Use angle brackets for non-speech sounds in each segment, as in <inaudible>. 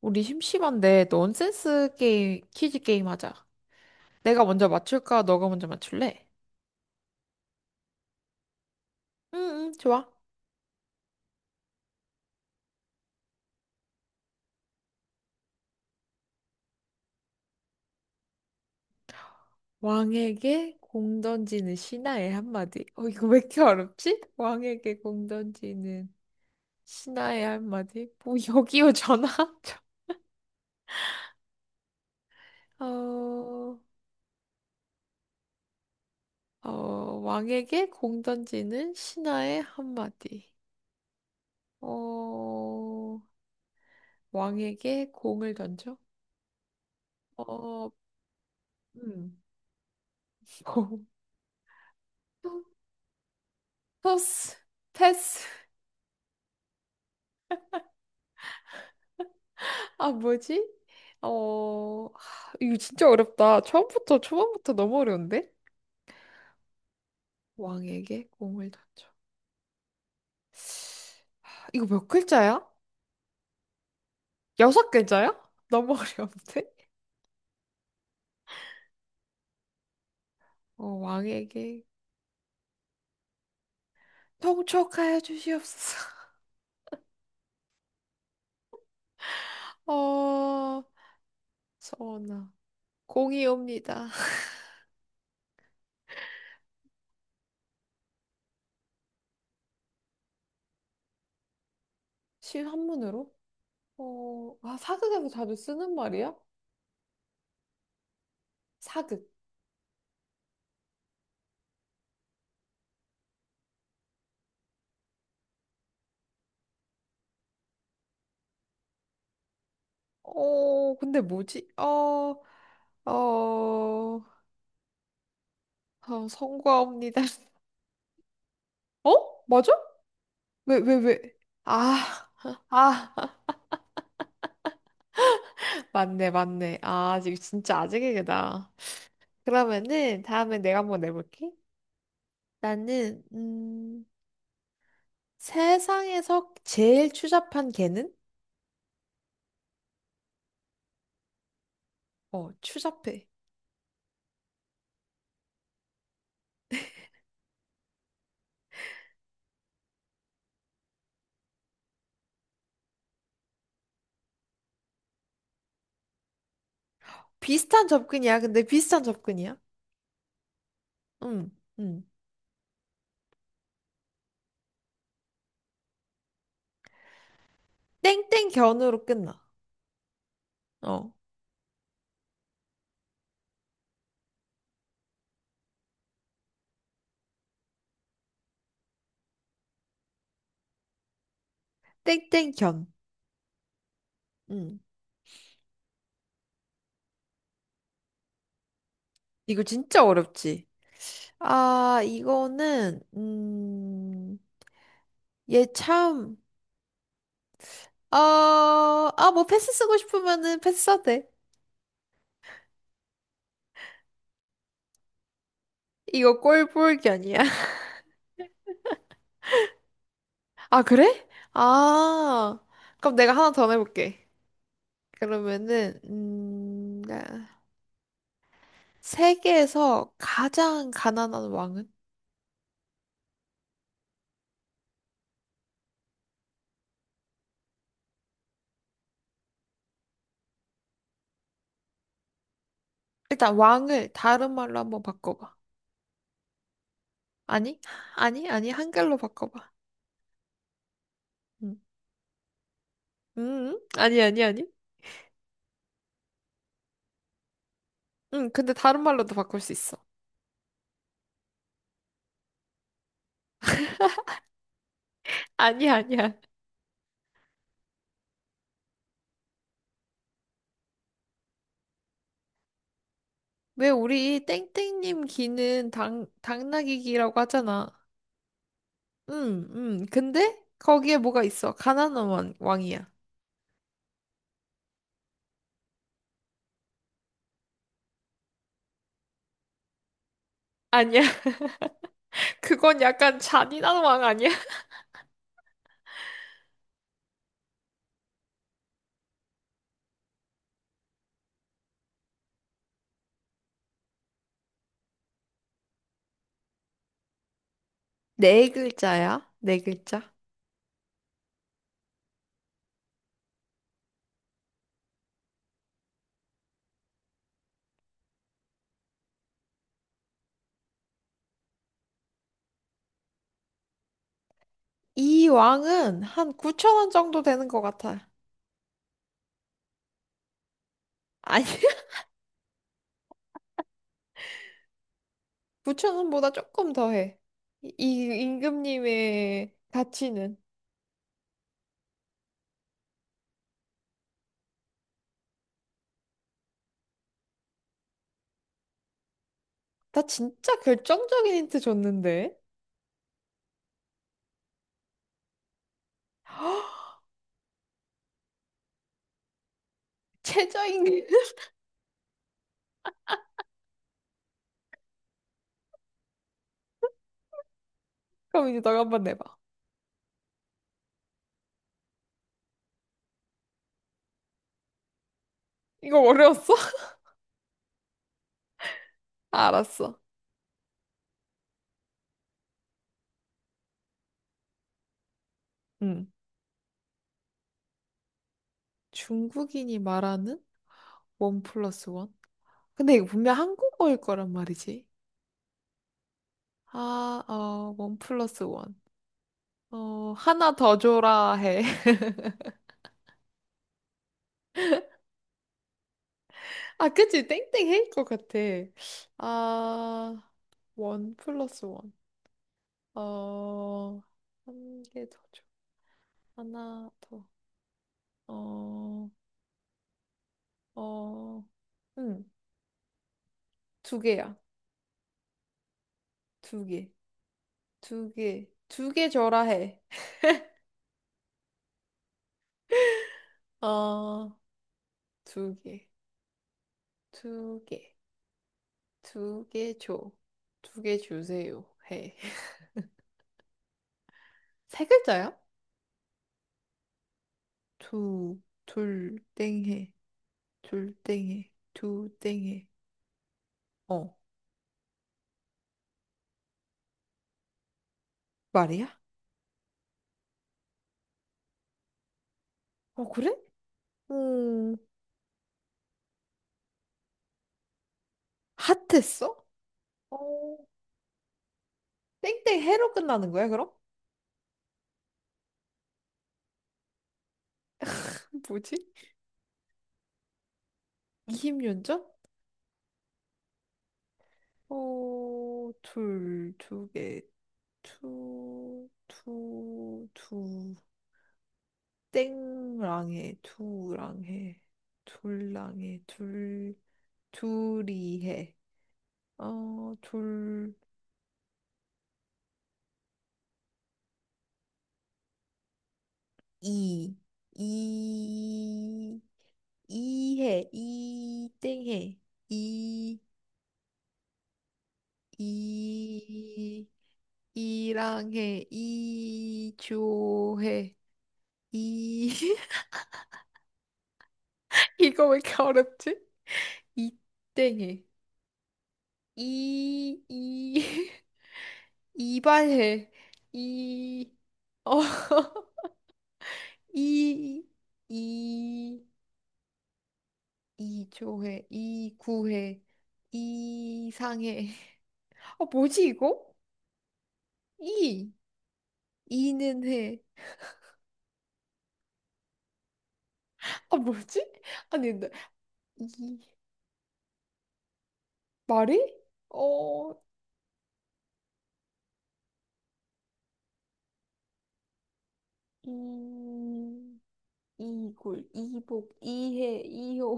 우리 심심한데 넌센스 게임, 퀴즈 게임 하자. 내가 먼저 맞출까? 너가 먼저 맞출래? 응, 응, 좋아. 왕에게 공 던지는 신하의 한마디. 어, 이거 왜 이렇게 어렵지? 왕에게 공 던지는 신하의 한마디. 뭐, 여기요, 전화? <laughs> 어, 어, 왕에게 공 던지는 신하의 한마디. 어, 왕에게 공을 던져? 어, 음, <laughs> 공. 토스, 패스. 아, 뭐지? 어, 하, 이거 진짜 어렵다. 처음부터, 초반부터 너무 어려운데? 왕에게 공을 던져. 이거 몇 글자야? 여섯 글자야? 너무 <laughs> 어려운데? 어, 왕에게 통촉하여 주시옵소서. <laughs> 어, 서원아, 공이 옵니다. 실한문으로? 어, 아, 사극에서 자주 쓰는 말이야? 사극. 어, 근데 뭐지? 어, 어, 어, 성과옵니다. <laughs> 어? 맞아? 왜, 왜, 왜? 아, 아, <laughs> 맞네, 맞네. 아, 지금 진짜 아재개그다. 그러면은 다음에 내가 한번 내볼게. 나는, 세상에서 제일 추잡한 개는? 어, 추잡해. 비슷한 접근이야. 근데 비슷한 접근이야. 응, 응. 땡땡견으로 끝나. 어, 땡땡견. 응. 이거 진짜 어렵지? 아, 이거는, 얘 참, 어, 아, 뭐 패스 쓰고 싶으면은 패스 써도 돼. 이거 꼴보기 아니야. <laughs> 아, 그래? 아, 그럼 내가 하나 더 해볼게. 그러면은, 아, 세계에서 가장 가난한 왕은? 일단 왕을 다른 말로 한번 바꿔봐. 아니? 아니? 아니? 한글로 바꿔봐. 음, 아니, 아니, 아니. 응, 근데 다른 말로도 바꿀 수 있어. 아니, 아니야. 아니야. 왜 우리 땡땡님 귀는 당나귀 귀라고 하잖아. 응, 응. 근데 거기에 뭐가 있어? 가난한 왕, 왕이야. 아니야. <laughs> 그건 약간 잔인한 왕 아니야? 네 글자야. 네 글자. 이 왕은 한 9천 원 정도 되는 것 같아. 아니, <laughs> 9천 원보다 조금 더 해. 이 임금님의 가치는. 나 진짜 결정적인 힌트 줬는데. <gasps> 최저임금. <laughs> 그럼 이제 너가 한번 내봐. 이거 어려웠어? <laughs> 알았어. 응. 중국인이 말하는 원 플러스 원? 근데 이거 분명 한국어일 거란 말이지. 아, 어, 원 플러스 원. 어, 하나 더 줘라 해. <laughs> 아, 그치. 땡땡 해일 것 같아. 아, 원 플러스 원. 어, 한 개 더 줘. 하나 더. 어, 어, 응. 두 개야. 두 개. 두 개. 두 개 줘라 해. 어, 두 개. 두 개. 두 개 줘. 두 개 주세요. 해. <laughs> 세 글자야? 두, 둘, 땡해. 둘, 땡해. 두, 땡해. 어, 말이야? 어, 그래? 음, 핫했어? 어, 땡땡해로 끝나는 거야, 그럼? 뭐지? 이십 년 전? 어, 둘, 두 개, 투, 투, 두, 땡랑해, 두랑해, 둘랑해, 둘, 둘이해. 어, 둘 이, 이, 이해, 이땡해, 이, 이, 이랑해, 이조해, 이, <laughs> 이거 왜 이렇게 어렵지? 이땡해, 이, 이, <laughs> 이발해, 이, 어, 이, 이, 이조해, 이구해, 이상해. 아, 뭐지 이거? 이 이는 해. 아, 뭐지? 아니, 근데 이 말이? 어, 이 이골 이복 이해 이호.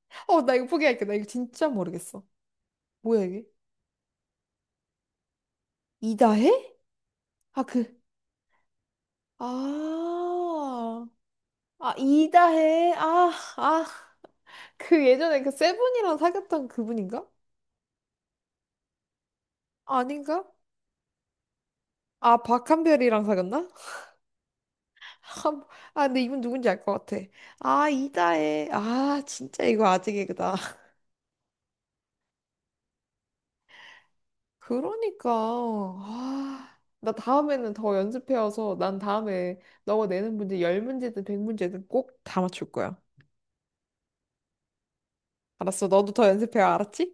<laughs> 어, 나 이거 포기할게. 나 이거 진짜 모르겠어. 뭐야 이게? 이다해? 아, 그. 아, 아 이다해. 아, 아. 그 예전에 그 세븐이랑 사귀었던 그분인가? 아닌가? 아, 박한별이랑 사귀었나? 아, 아, 근데 이분 누군지 알 것 같아. 아, 이다혜. 아, 진짜 이거 아재 개그다. <laughs> 그러니까. 아, 나 다음에는 더 연습해와서 난 다음에 너가 내는 문제 10문제든 100문제든 꼭 다 맞출 거야. 알았어. 너도 더 연습해와. 알았지?